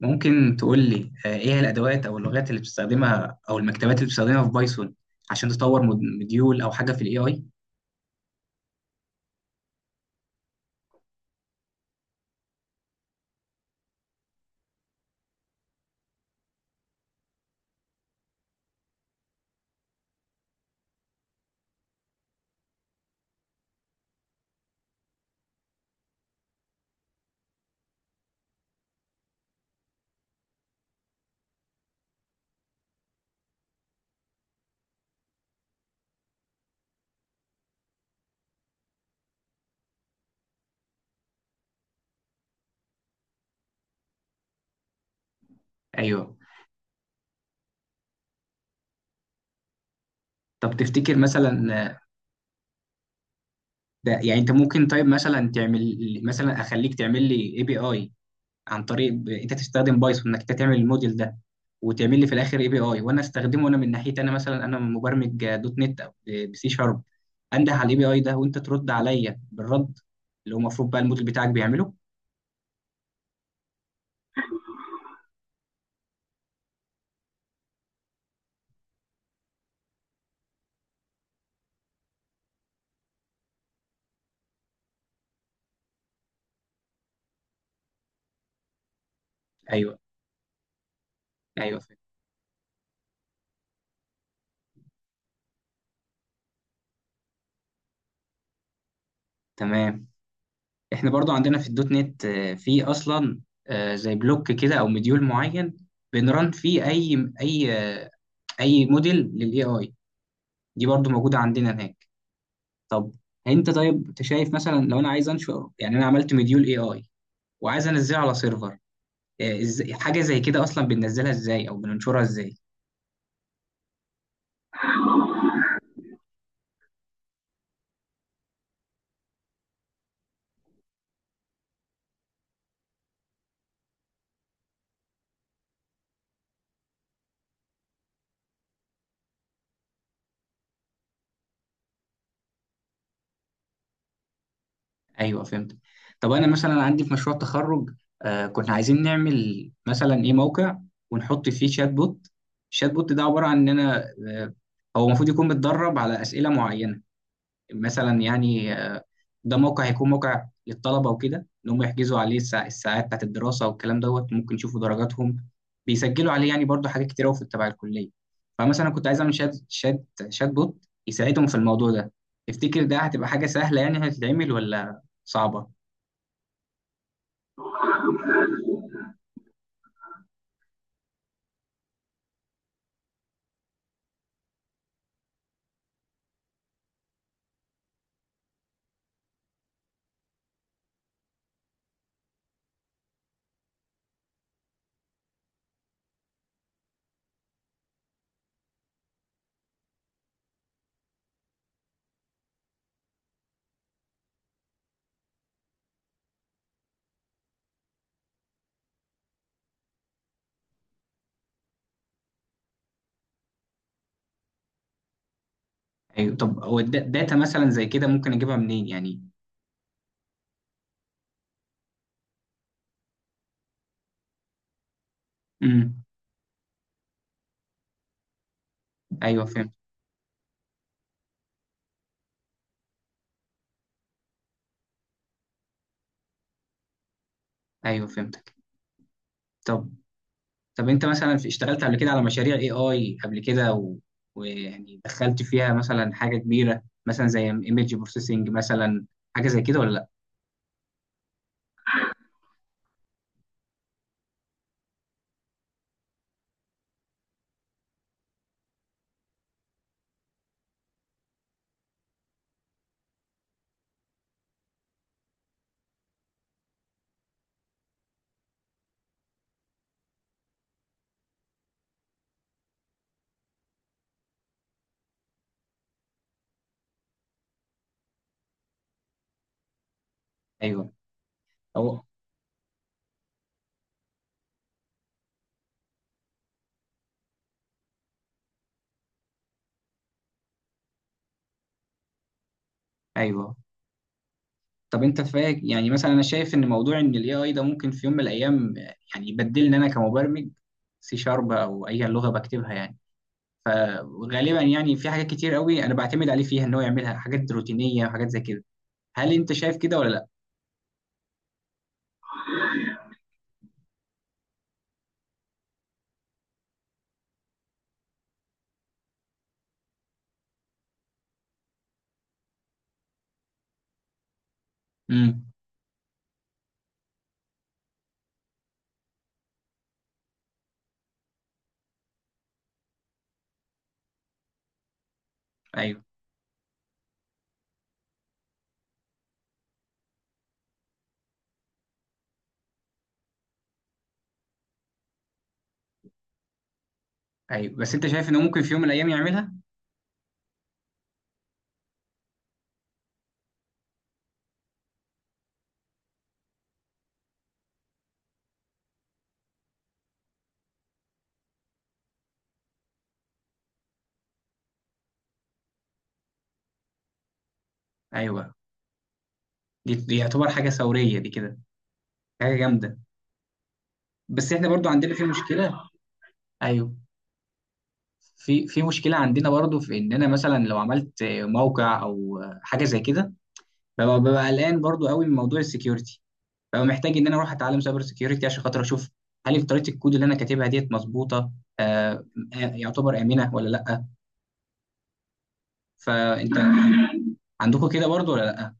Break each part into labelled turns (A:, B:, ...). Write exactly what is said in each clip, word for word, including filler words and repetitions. A: ممكن تقول لي آه، ايه هي الادوات او اللغات اللي بتستخدمها او المكتبات اللي بتستخدمها في بايثون عشان تطور مود- مديول او حاجه في الاي اي. ايوه. طب تفتكر مثلا آه، ده يعني انت ممكن، طيب، مثلا تعمل، مثلا اخليك تعمل لي اي بي اي عن طريق ب- انت تستخدم بايثون، انك انت تعمل الموديل ده وتعمل لي في الاخر اي بي اي، وانا استخدمه انا من ناحيتي. انا مثلا انا مبرمج آه، دوت نت او بسي شارب، انده على الاي بي اي ده وانت ترد عليا بالرد اللي هو المفروض بقى الموديل بتاعك بيعمله. ايوه، ايوه، تمام. احنا برضو عندنا في الدوت نت آه، في اصلا آه، زي بلوك كده او مديول معين بنرن فيه اي اي، آه، اي موديل للاي اي، دي برضو موجوده عندنا هناك. طب انت، طيب انت شايف مثلا لو انا عايز انشر، يعني انا عملت مديول اي اي وعايز انزله على سيرفر، آه، إز- حاجه زي كده اصلا بننزلها ازاي او بننشرها ازاي؟ ايوه فهمت. طب انا مثلا عندي في مشروع التخرج، آه كنا عايزين نعمل مثلا ايه موقع ونحط فيه شات بوت. الشات بوت ده عباره عن ان انا آه هو المفروض يكون متدرب على اسئله معينه، مثلا يعني آه، ده موقع، هيكون موقع للطلبة وكده، إن هم يحجزوا عليه الساع- الساعات بتاعت الدراسة والكلام دوت، ممكن يشوفوا درجاتهم، بيسجلوا عليه، يعني برضو حاجات كتير أوي في تبع الكلية. فمثلا كنت عايز أعمل شات شات شات بوت يساعدهم في الموضوع ده. تفتكر ده هتبقى حاجة سهلة يعني هتتعمل ولا صعبة؟ أيوه. طب هو الدا- داتا مثلا زي كده ممكن أجيبها منين يعني؟ امم. أيوه فهمت. أيوه فهمتك. طب، طب انت مثلا في- اشتغلت قبل كده على مشاريع اي اي قبل كده و... ويعني دخلت فيها مثلا حاجه كبيره مثلا زي ايمج بروسيسنج مثلا، حاجه زي كده ولا لا؟ ايوه. او ايوه. طب انت فاك، يعني مثلا انا شايف ان موضوع ان الاي اي ده ممكن في يوم من الايام يعني يبدلني، انا كمبرمج سي شارب او اي لغه بكتبها يعني، فغالبا يعني في حاجات كتير قوي انا بعتمد عليه فيها ان هو يعملها، حاجات روتينيه وحاجات زي كده. هل انت شايف كده ولا لا؟ امم. ايوه، ايوه، بس انت شايف انه ممكن في يوم من الايام يعملها. ايوه. دي دي يعتبر حاجه ثوريه دي كده، حاجه جامده، بس احنا برضو عندنا في مشكله. ايوه. في في مشكله عندنا برضو في ان انا مثلا لو عملت موقع او حاجه زي كده، ببقى ببقى قلقان برضو قوي من موضوع السكيورتي. ببقى محتاج ان انا اروح اتعلم سايبر سكيورتي عشان خاطر اشوف هل طريقه الكود اللي انا كاتبها ديت مظبوطه، آه آه، يعتبر امنه ولا لا. فانت عندكم كده برضو ولا لا؟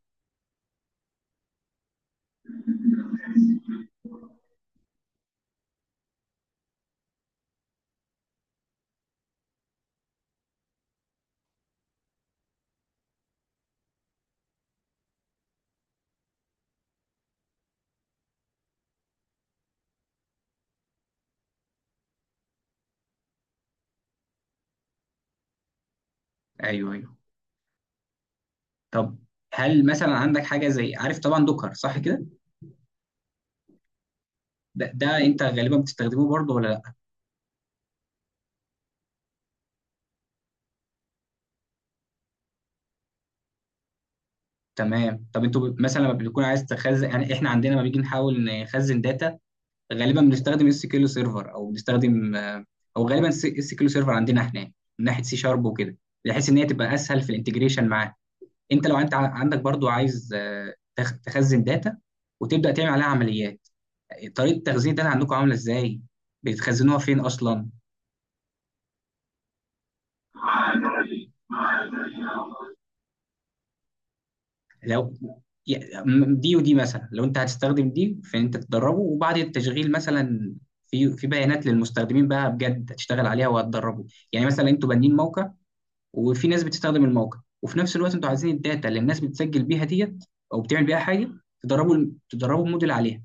A: ايوه، ايوه. طب هل مثلا عندك حاجه زي، عارف طبعا دوكر صح كده؟ ده, ده انت غالبا بتستخدمه برضو ولا لا؟ تمام. طب انتوا ب- مثلا لما بيكون عايز تخزن، يعني احنا عندنا لما بيجي نحاول نخزن داتا، غالبا بنستخدم اس كيلو سيرفر او بنستخدم آه، او غالبا اس كيلو سيرفر عندنا، احنا من ناحيه سي شارب وكده، بحيث ان هي تبقى اسهل في الانتجريشن معاه. انت لو انت ع- عندك برضو عايز آه، تخ- تخزن داتا وتبدا تعمل عليها عمليات، طريقه تخزين الداتا عندكم عامله ازاي؟ بتخزنوها فين اصلا؟ لو يا- م- دي ودي مثلا لو انت هتستخدم دي في ان انت تدربه وبعد التشغيل مثلا، في في بيانات للمستخدمين بقى بجد هتشتغل عليها وهتدربه، يعني مثلا انتوا بانين موقع وفي ناس بتستخدم الموقع وفي نفس الوقت انتوا عايزين الداتا اللي الناس بتسجل بيها ديت او بتعمل بيها حاجه، تدربوا تدربوا الموديل عليها.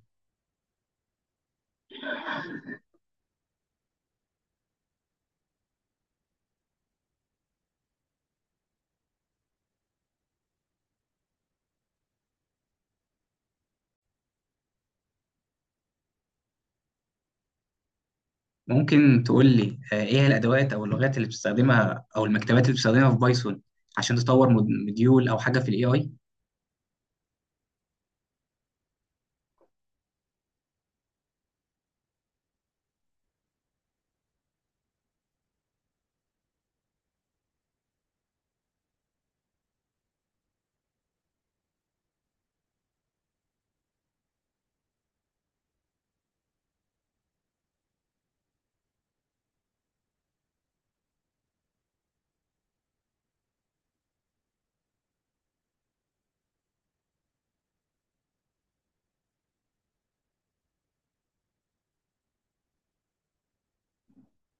A: ممكن تقول لي آه، ايه هي الادوات او اللغات اللي بتستخدمها او المكتبات اللي بتستخدمها في بايثون عشان تطور مود- مديول او حاجه في الاي اي.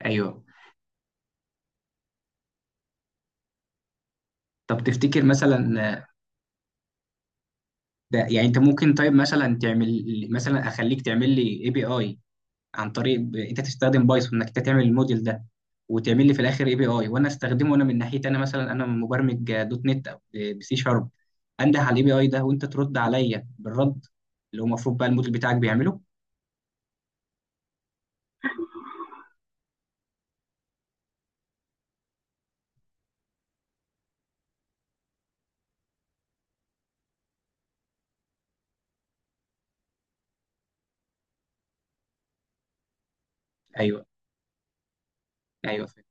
A: ايوه. طب تفتكر مثلا، ده يعني انت ممكن، طيب، مثلا تعمل، مثلا اخليك تعمل لي اي بي اي عن طريق ب- انت تستخدم بايثون، انك انت تعمل الموديل ده وتعمل لي في الاخر اي بي اي، وانا استخدمه انا من ناحيتي. انا مثلا انا مبرمج دوت نت او بسي شارب، انده على الاي بي اي ده وانت ترد عليا بالرد اللي هو المفروض بقى الموديل بتاعك بيعمله. ايوه، ايوه، فاهم.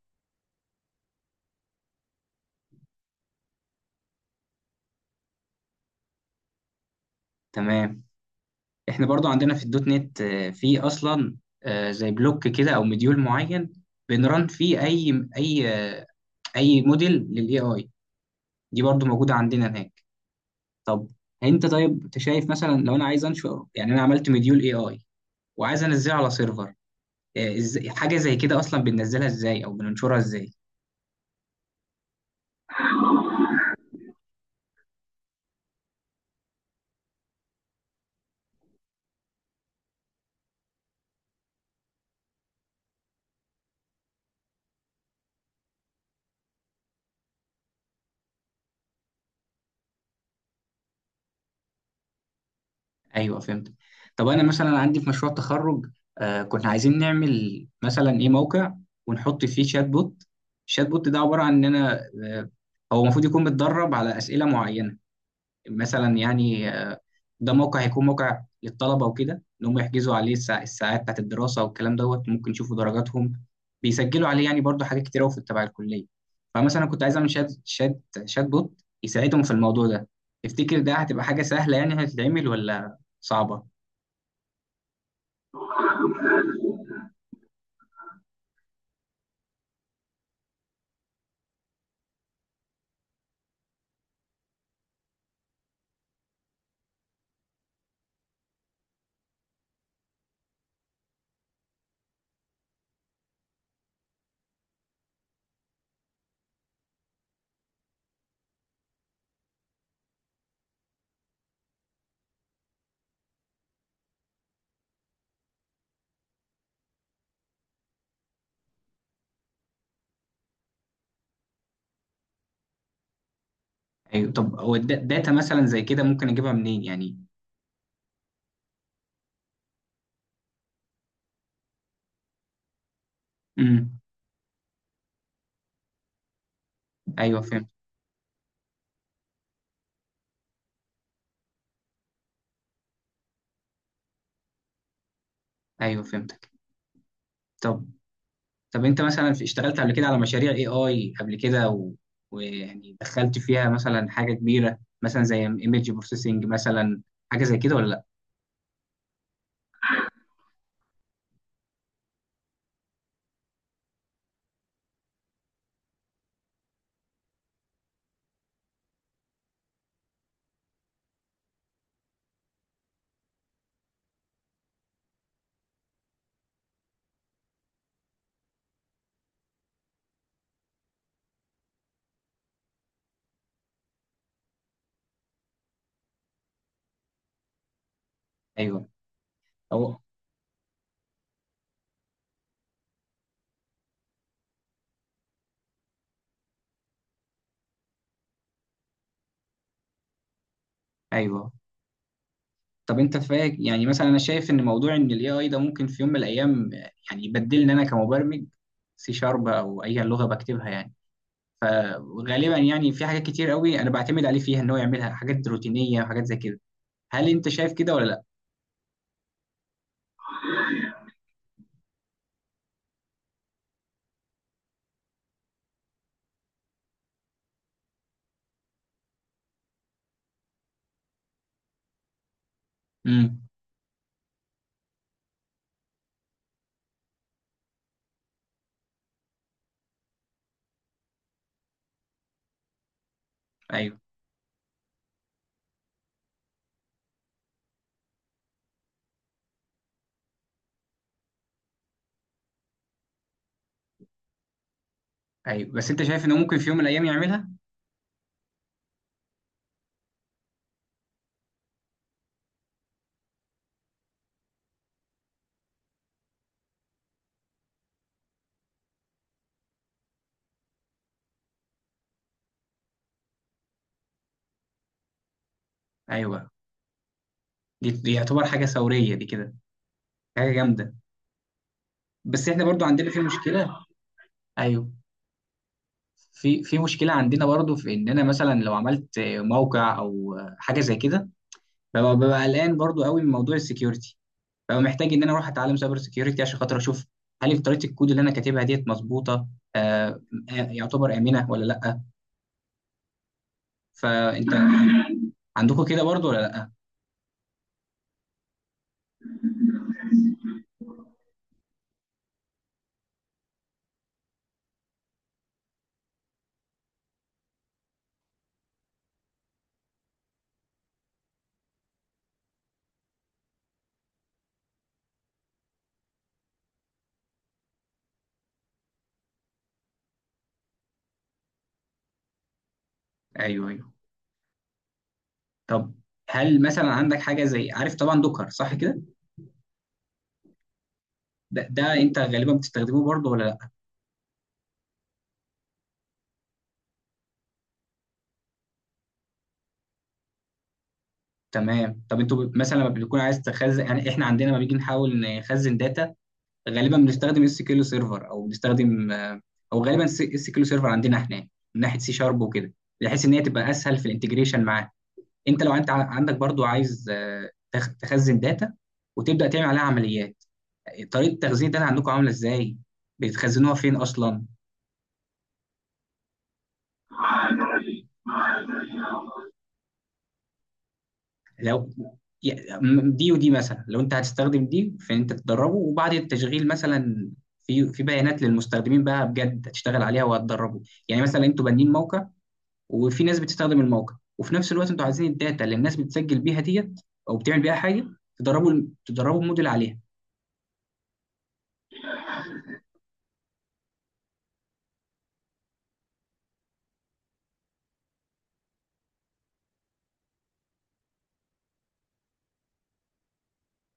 A: تمام. احنا برضو عندنا في الدوت نت آه، في اصلا آه، زي بلوك كده او مديول معين بنرن فيه اي اي، آه، اي موديل للاي اي، دي برضو موجوده عندنا هناك. طب انت، طيب انت شايف مثلا لو انا عايز انشر، يعني انا عملت مديول اي اي وعايز انزله على سيرفر، آه، ازاي حاجه زي كده اصلا بننزلها ازاي او بننشرها ازاي؟ ايوه فهمت. طب انا مثلا عندي في مشروع التخرج، آه كنا عايزين نعمل مثلا ايه موقع ونحط فيه شات بوت. الشات بوت ده عباره عن ان انا آه هو المفروض يكون متدرب على اسئله معينه، مثلا يعني آه، ده موقع، هيكون موقع للطلبة وكده، إن هم يحجزوا عليه الساع- الساعات بتاعت الدراسة والكلام دوت، ممكن يشوفوا درجاتهم، بيسجلوا عليه، يعني برضو حاجات كتير أوي في تبع الكلية. فمثلا كنت عايز أعمل شات شات شات بوت يساعدهم في الموضوع ده. تفتكر ده هتبقى حاجة سهلة يعني هتتعمل ولا صعبة؟ أيوه. طب هو الدا- داتا مثلا زي كده ممكن أجيبها منين يعني؟ امم. أيوه فهمت. أيوه فهمتك. طب، طب انت مثلا في- اشتغلت قبل كده على مشاريع اي اي قبل كده و... ويعني دخلت فيها مثلا حاجه كبيره مثلا زي ايمج بروسيسنج مثلا، حاجه زي كده ولا لا؟ ايوه. او ايوه. طب انت فاك، يعني مثلا انا شايف ان موضوع ان الاي اي ده ممكن في يوم من الايام يعني يبدلني، انا كمبرمج سي شارب او اي لغه بكتبها يعني، فغالبا يعني في حاجات كتير قوي انا بعتمد عليه فيها ان هو يعملها، حاجات روتينيه وحاجات زي كده. هل انت شايف كده ولا لا؟ امم. ايوه، ايوه، بس انت شايف انه ممكن في يوم من الايام يعملها. ايوه. دي دي يعتبر حاجه ثوريه دي كده، حاجه جامده، بس احنا برضو عندنا في مشكله. ايوه. في في مشكله عندنا برضو في ان انا مثلا لو عملت موقع او حاجه زي كده، ببقى ببقى قلقان برضو قوي من موضوع السكيورتي. ببقى محتاج ان انا اروح اتعلم سايبر سكيورتي عشان خاطر اشوف هل طريقه الكود اللي انا كاتبها ديت مظبوطه، آه آه، يعتبر امنه ولا لا. فانت عندكم كده برضو ولا لا؟ ايوه، ايوه. طب هل مثلا عندك حاجه زي، عارف طبعا دوكر صح كده؟ ده, ده انت غالبا بتستخدمه برضو ولا؟ تمام. طب انتوا ب- مثلا لما بيكون عايز تخزن، يعني احنا عندنا لما بيجي نحاول نخزن داتا، غالبا بنستخدم اس كيلو سيرفر او بنستخدم آه، او غالبا اس كيلو سيرفر عندنا، احنا من ناحيه سي شارب وكده، بحيث ان هي تبقى اسهل في الانتجريشن معاه. انت لو انت ع- عندك برضو عايز آه، تخ- تخزن داتا وتبدا تعمل عليها عمليات، طريقه تخزين الداتا عندكم عامله ازاي؟ بتخزنوها فين اصلا؟ لو يا- م- دي ودي مثلا لو انت هتستخدم دي في ان انت تدربه وبعد التشغيل مثلا، في في بيانات للمستخدمين بقى بجد هتشتغل عليها وهتدربه، يعني مثلا انتوا بانين موقع وفي ناس بتستخدم الموقع وفي نفس الوقت انتوا عايزين الداتا اللي الناس بتسجل بيها ديت او بتعمل بيها حاجه، تدربوا تدربوا الموديل عليها.